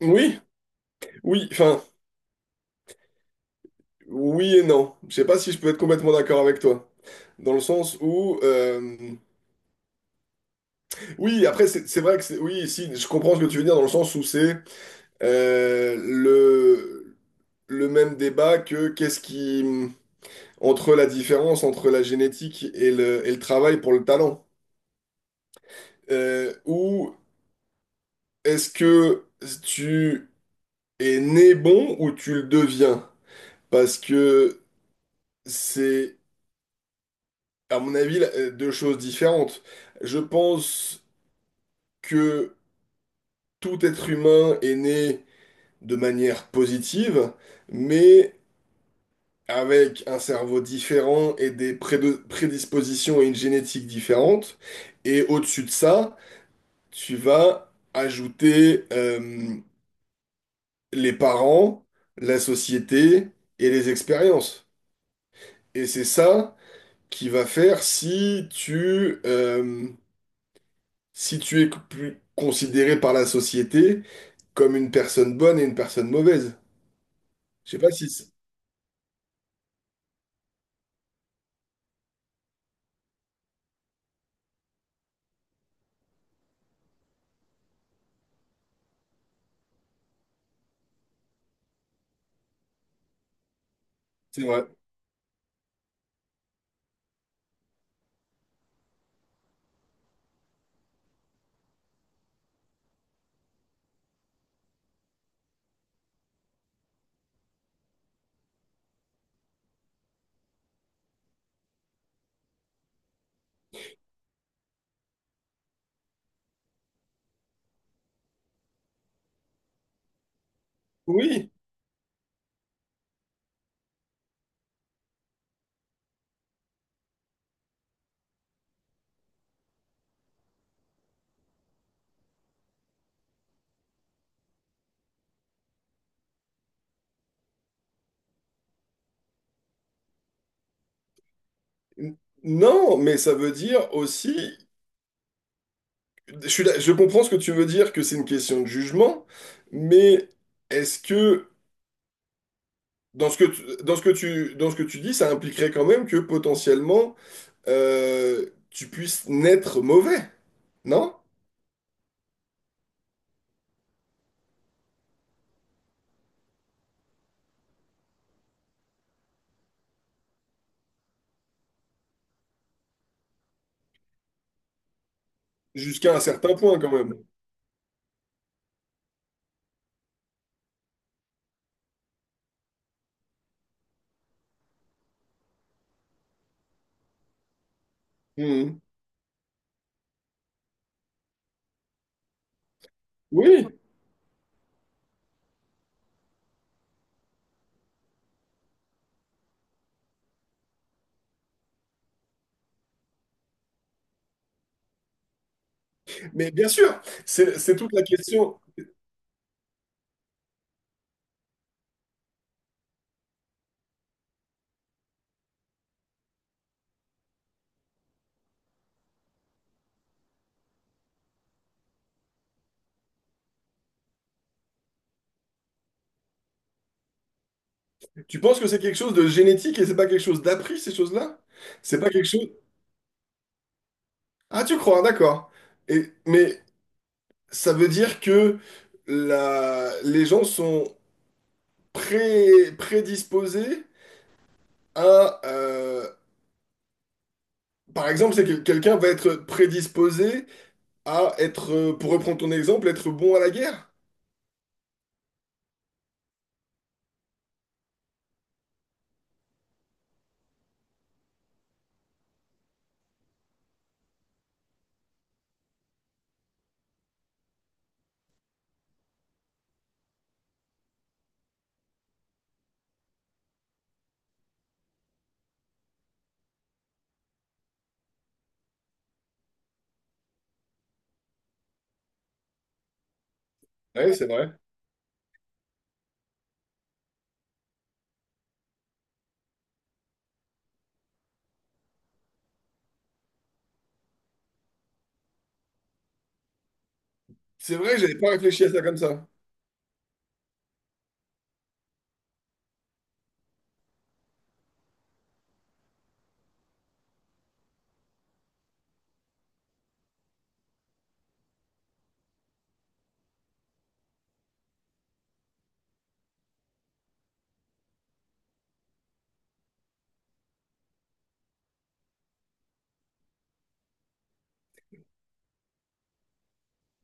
Oui, oui, enfin, oui et non. Je sais pas si je peux être complètement d'accord avec toi. Dans le sens où, oui, après, c'est vrai que c'est, oui, si, je comprends ce que tu veux dire, dans le sens où c'est euh, le, le même débat que entre la différence entre la génétique et et le travail pour le talent. Ou est-ce que tu es né bon ou tu le deviens? Parce que c'est à mon avis, là, deux choses différentes. Je pense que tout être humain est né de manière positive, mais avec un cerveau différent et des prédispositions et une génétique différente. Et au-dessus de ça, tu vas ajouter les parents, la société et les expériences. Et c'est ça qui va faire si si tu es plus considéré par la société comme une personne bonne et une personne mauvaise. Je sais pas si c'est c'est vrai. Oui. N- Non, mais ça veut dire aussi, je comprends ce que tu veux dire, que c'est une question de jugement, mais est-ce que dans ce que tu dis, ça impliquerait quand même que potentiellement tu puisses naître mauvais, non? Jusqu'à un certain point quand même. Mhm. Oui, mais bien sûr, c'est toute la question. Tu penses que c'est quelque chose de génétique et c'est pas quelque chose d'appris, ces choses-là? C'est pas quelque chose... Ah, tu crois, d'accord. Et, mais ça veut dire que les gens sont prédisposés à... par exemple, c'est que quelqu'un va être prédisposé à être, pour reprendre ton exemple, être bon à la guerre. Oui, c'est vrai. C'est vrai, j'avais pas réfléchi à ça comme ça.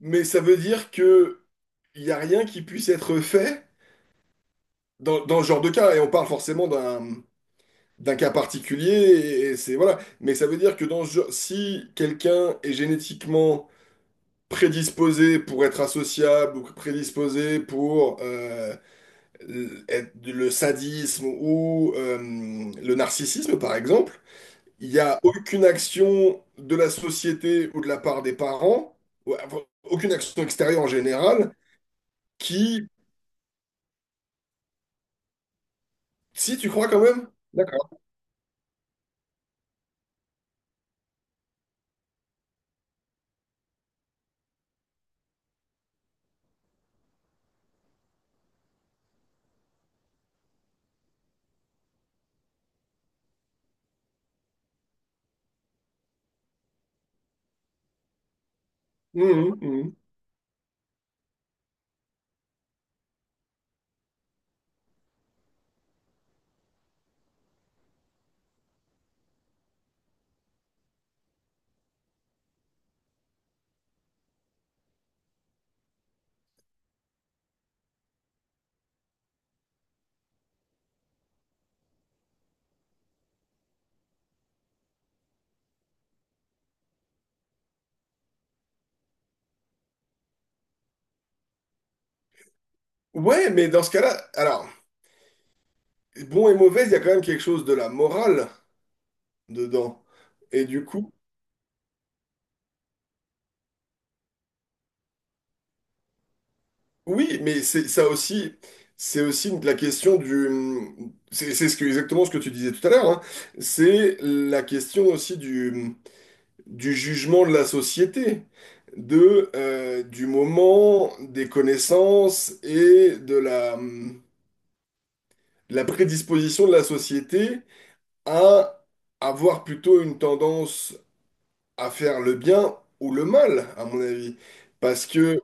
Mais ça veut dire que il y a rien qui puisse être fait dans ce genre de cas, et on parle forcément d'un cas particulier, et c'est voilà. Mais ça veut dire que dans ce genre, si quelqu'un est génétiquement prédisposé pour être associable ou prédisposé pour le sadisme ou le narcissisme, par exemple, il n'y a aucune action de la société ou de la part des parents, enfin, aucune action extérieure en général, qui, si tu crois quand même, d'accord. Mhm, mhm. Ouais, mais dans ce cas-là, alors. Bon et mauvais, il y a quand même quelque chose de la morale dedans. Et du coup, oui, mais c'est ça aussi, c'est aussi la question du, c'est ce que, exactement ce que tu disais tout à l'heure, hein. C'est la question aussi du jugement de la société, de, du moment, des connaissances et de de la prédisposition de la société à avoir plutôt une tendance à faire le bien ou le mal, à mon avis. Parce que,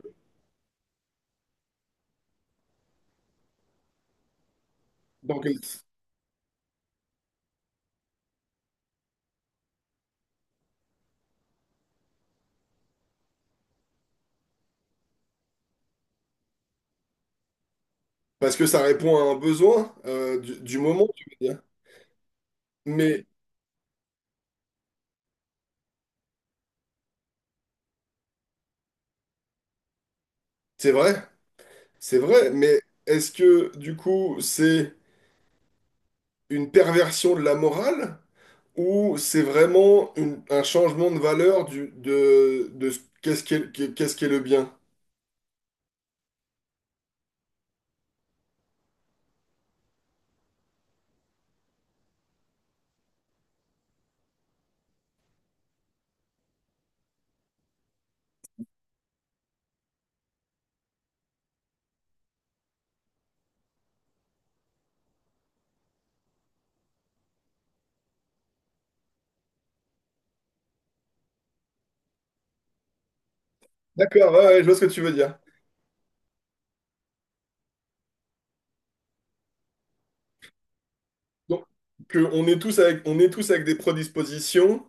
donc, parce que ça répond à un besoin du moment, tu veux dire. Mais c'est vrai, c'est vrai, mais est-ce que du coup c'est une perversion de la morale ou c'est vraiment un changement de valeur de ce- qu'est-ce qu'est, qu'est- qu'est-ce qu'est le bien? D'accord, ouais, ouais, je vois ce que tu veux dire. Donc, que on est tous avec des prédispositions.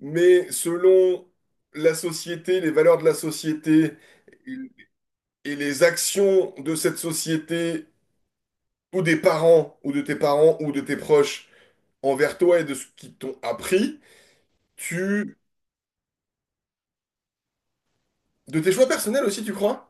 Mais selon la société, les valeurs de la société et les actions de cette société ou des parents ou de tes parents ou de tes proches envers toi et de ce qu'ils t'ont appris, tu... de tes choix personnels aussi, tu crois?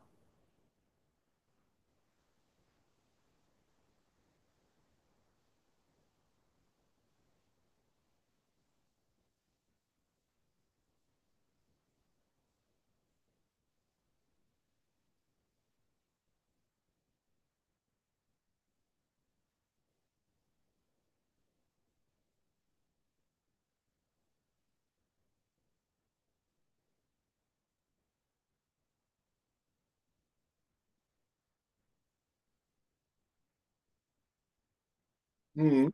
Mhm.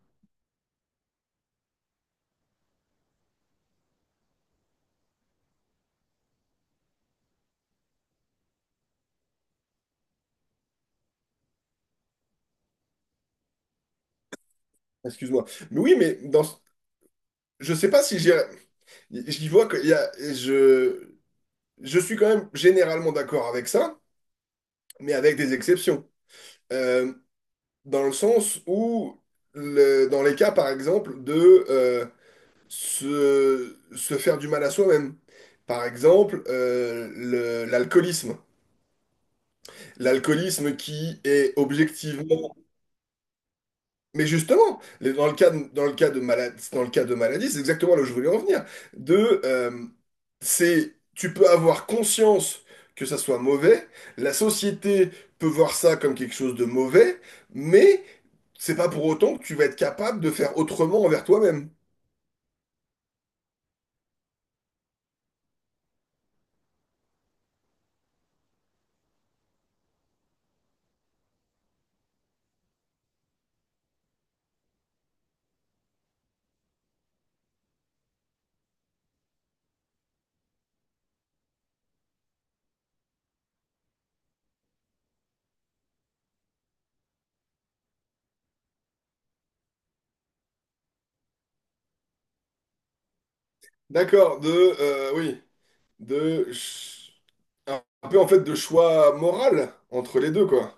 Excuse-moi. Mais oui, mais dans... je sais pas si j'y vois qu'il y a... je suis quand même généralement d'accord avec ça, mais avec des exceptions. Euh, Dans le sens où, dans les cas, par exemple, de se faire du mal à soi-même. Par exemple, l'alcoolisme. L'alcoolisme qui est objectivement. Mais justement, dans le cas de, dans le cas de maladie, c'est exactement là où je voulais en venir. De, c'est, tu peux avoir conscience que ça soit mauvais, la société peut voir ça comme quelque chose de mauvais, mais c'est pas pour autant que tu vas être capable de faire autrement envers toi-même. D'accord, oui, de, ch- un peu en fait de choix moral entre les deux, quoi.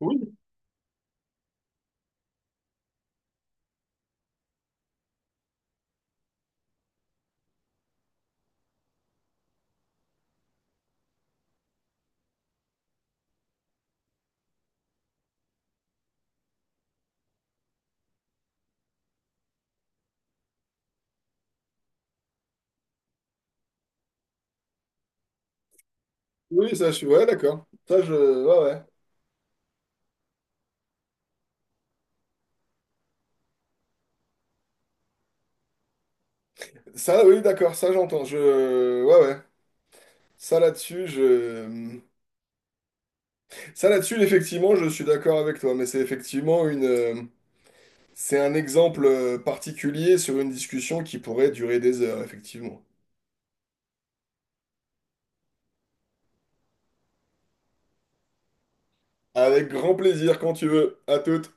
Oui, oui, ça, je suis, ouais, d'accord. Ça, je, ouais, ouais. Ça, oui, d'accord, ça j'entends. Je... ouais, ouais. Ça là-dessus, je... Ça là-dessus, effectivement, je suis d'accord avec toi, mais c'est effectivement une... c'est un exemple particulier sur une discussion qui pourrait durer des heures, effectivement. Avec grand plaisir, quand tu veux. À toute.